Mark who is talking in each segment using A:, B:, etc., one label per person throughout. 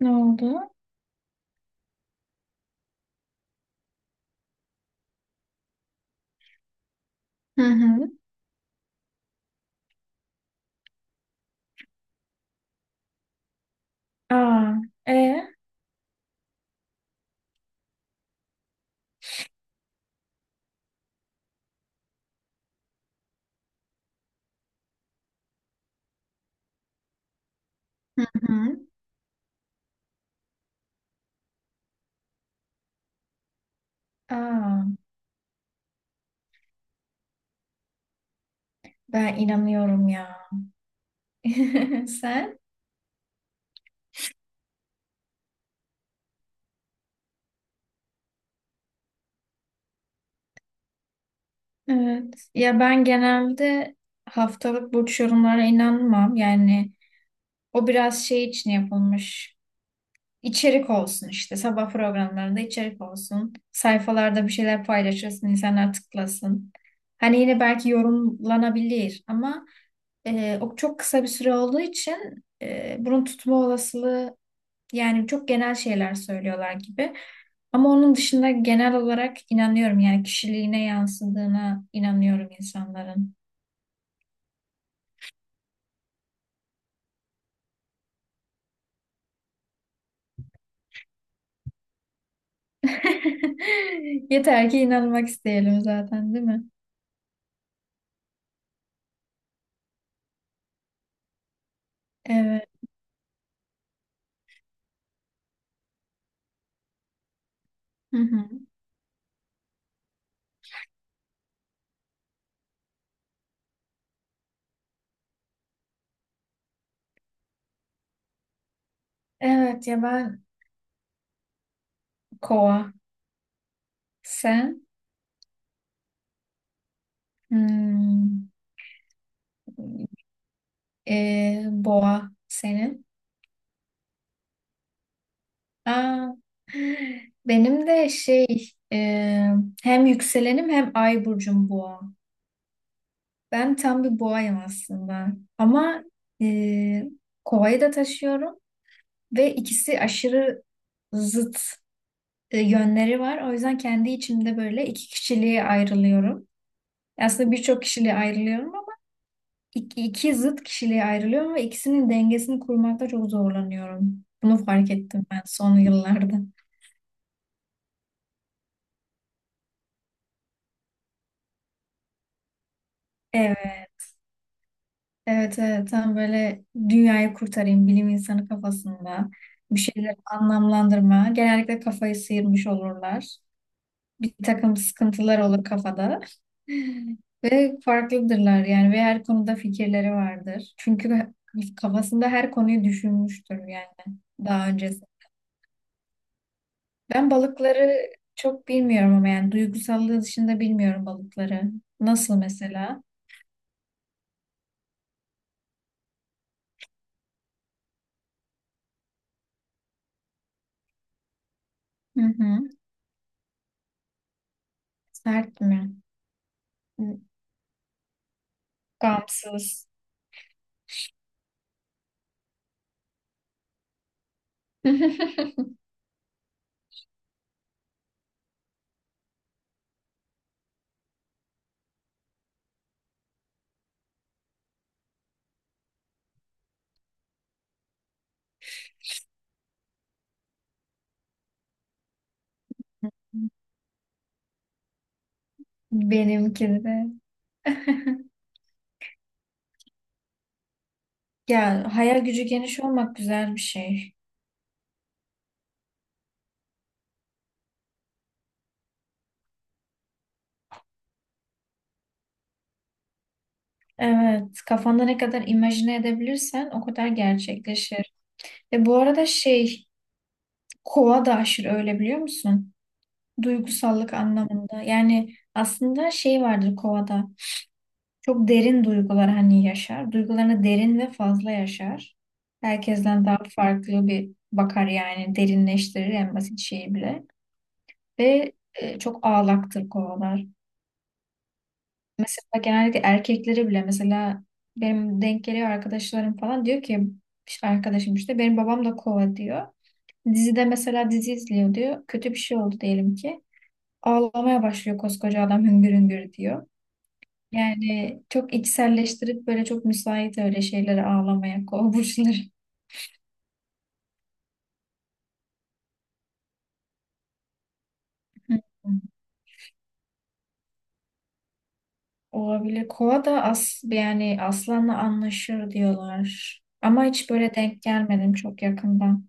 A: Ne oldu? Hı hı. Aa. e, Hı hı. Aa, ben inanıyorum ya. Sen? Evet. Ya ben genelde haftalık burç yorumlara inanmam. Yani o biraz şey için yapılmış. İçerik olsun işte. Sabah programlarında içerik olsun. Sayfalarda bir şeyler paylaşırsın, insanlar tıklasın. Hani yine belki yorumlanabilir ama o çok kısa bir süre olduğu için bunun tutma olasılığı. Yani çok genel şeyler söylüyorlar gibi. Ama onun dışında genel olarak inanıyorum, yani kişiliğine yansıdığına inanıyorum insanların. Yeter ki inanmak isteyelim zaten, değil mi? Evet. Hı hı. Evet ya, ben kova. Sen? Hmm. Boğa senin. Aa, benim de şey, e, hem yükselenim hem ay burcum boğa. Ben tam bir boğayım aslında. Ama e, kovayı da taşıyorum ve ikisi aşırı zıt yönleri var. O yüzden kendi içimde böyle iki kişiliğe ayrılıyorum. Aslında birçok kişiliğe ayrılıyorum ama iki zıt kişiliğe ayrılıyorum ve ikisinin dengesini kurmakta çok zorlanıyorum. Bunu fark ettim ben son yıllarda. Evet, evet, evet. Tam böyle dünyayı kurtarayım, bilim insanı kafasında bir şeyleri anlamlandırma. Genellikle kafayı sıyırmış olurlar. Bir takım sıkıntılar olur kafada. Ve farklıdırlar yani ve her konuda fikirleri vardır. Çünkü kafasında her konuyu düşünmüştür yani daha öncesi. Ben balıkları çok bilmiyorum ama yani duygusallığı dışında bilmiyorum balıkları. Nasıl mesela? Hı hı. Sert mi? Gamsız. Benimki de. Ya, hayal gücü geniş olmak güzel bir şey. Evet, kafanda ne kadar imajine edebilirsen o kadar gerçekleşir. Ve bu arada şey, kova da aşırı öyle, biliyor musun? Duygusallık anlamında. Yani aslında şey vardır kovada. Çok derin duygular hani yaşar. Duygularını derin ve fazla yaşar. Herkesten daha farklı bir bakar, yani derinleştirir en basit şeyi bile. Ve çok ağlaktır kovalar. Mesela genellikle erkeklere bile, mesela benim denk geliyor arkadaşlarım falan, diyor ki işte arkadaşım, işte benim babam da kova diyor. Dizide mesela dizi izliyor diyor. Kötü bir şey oldu diyelim ki. Ağlamaya başlıyor koskoca adam hüngür hüngür diyor. Yani çok içselleştirip böyle çok müsait öyle şeylere ağlamaya kova burçları. Hı. Olabilir. Kova da yani aslanla anlaşır diyorlar. Ama hiç böyle denk gelmedim çok yakından.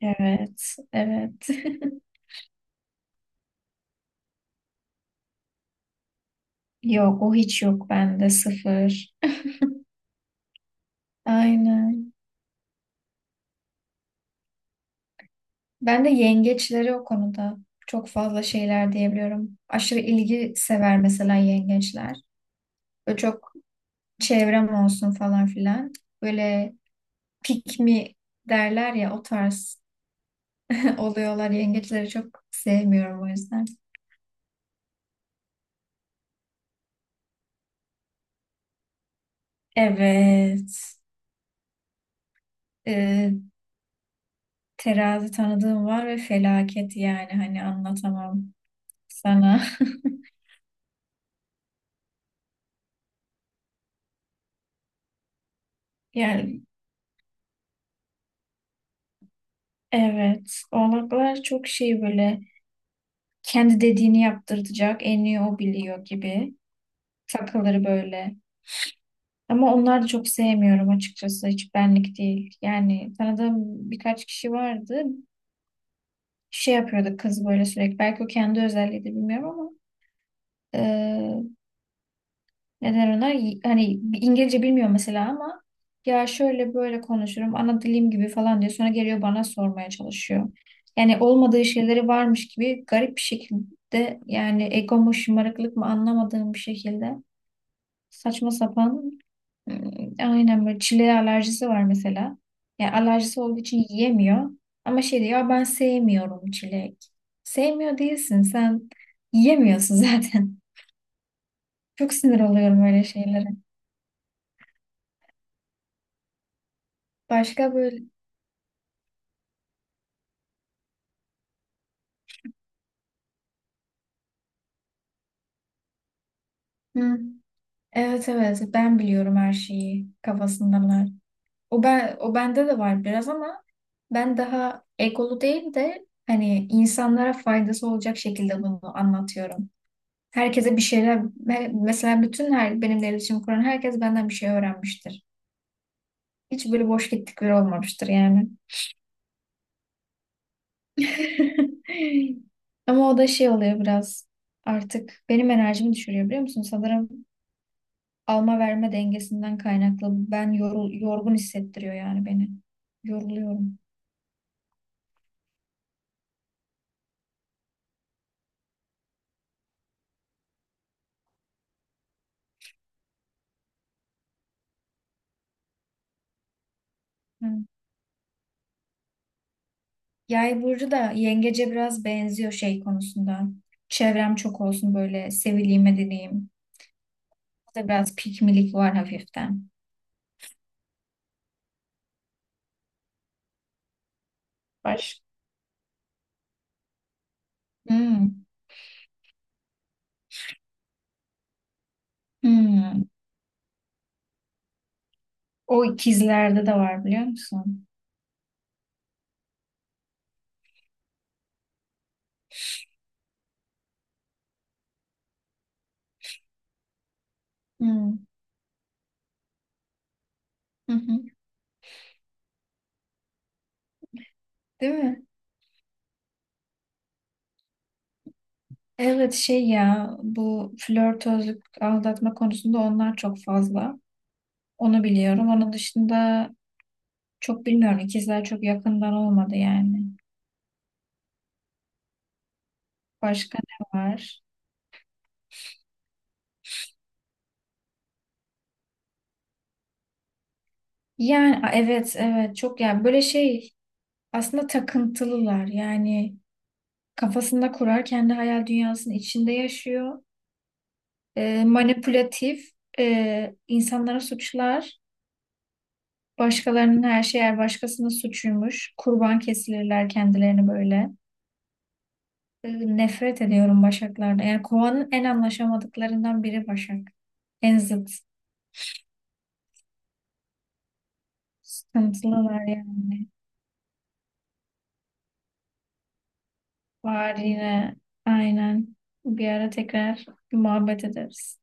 A: Evet, evet. Yok, o hiç yok bende, sıfır. Aynen. Ben de yengeçleri o konuda çok fazla şeyler diyebiliyorum. Aşırı ilgi sever mesela yengeçler. Böyle çok çevrem olsun falan filan. Böyle pick me derler ya, o tarz oluyorlar. Yengeçleri çok sevmiyorum o yüzden. Evet. Ee, Terazi tanıdığım var ve felaket, yani hani anlatamam sana. Yani evet, oğlaklar çok şey böyle, kendi dediğini yaptırtacak, en iyi o biliyor gibi takılır böyle. Ama onları da çok sevmiyorum açıkçası, hiç benlik değil. Yani tanıdığım birkaç kişi vardı, şey yapıyordu kız böyle sürekli. Belki o kendi özelliği de, bilmiyorum, ama neden ona? Hani İngilizce bilmiyor mesela, ama ya şöyle böyle konuşurum, ana dilim gibi falan diyor. Sonra geliyor bana sormaya çalışıyor. Yani olmadığı şeyleri varmış gibi, garip bir şekilde, yani ego mu şımarıklık mı anlamadığım bir şekilde saçma sapan. ım, aynen, böyle çileğe alerjisi var mesela. Yani alerjisi olduğu için yiyemiyor. Ama şey diyor: "Ya ben sevmiyorum çilek." Sevmiyor değilsin sen, yiyemiyorsun zaten. Çok sinir oluyorum öyle şeylere. Başka böyle. Hı. Evet, evet, ben biliyorum her şeyi kafasındalar. O bende de var biraz, ama ben daha egolu değil de, hani insanlara faydası olacak şekilde bunu anlatıyorum. Herkese bir şeyler, mesela bütün, her benimle iletişim kuran herkes benden bir şey öğrenmiştir. Hiç böyle boş gittik biri olmamıştır yani. Ama o da şey oluyor biraz, artık benim enerjimi düşürüyor, biliyor musun? Sanırım alma verme dengesinden kaynaklı. Ben yorgun hissettiriyor yani beni. Yoruluyorum. Hı. Yay burcu da yengece biraz benziyor şey konusunda. Çevrem çok olsun, böyle sevileyim, edineyim. Burada biraz pikmilik var hafiften. Baş. Hmm. Hmm. O ikizlerde de var, biliyor musun? Hmm. Hı hı. Değil mi? Evet, şey ya, bu flörtözlük aldatma konusunda onlar çok fazla. Onu biliyorum. Onun dışında çok bilmiyorum. İkizler çok yakından olmadı yani. Başka ne var? Yani evet, evet, çok yani böyle şey, aslında takıntılılar. Yani kafasında kurar, kendi hayal dünyasının içinde yaşıyor. Manipülatif, insanlara suçlar. Başkalarının her şeyi, her başkasının suçuymuş. Kurban kesilirler kendilerini böyle. Nefret ediyorum Başaklar'da. Yani kovanın en anlaşamadıklarından biri Başak. En zıt. Sıkıntılılar yani. Var yine. Aynen. Bir ara tekrar muhabbet ederiz.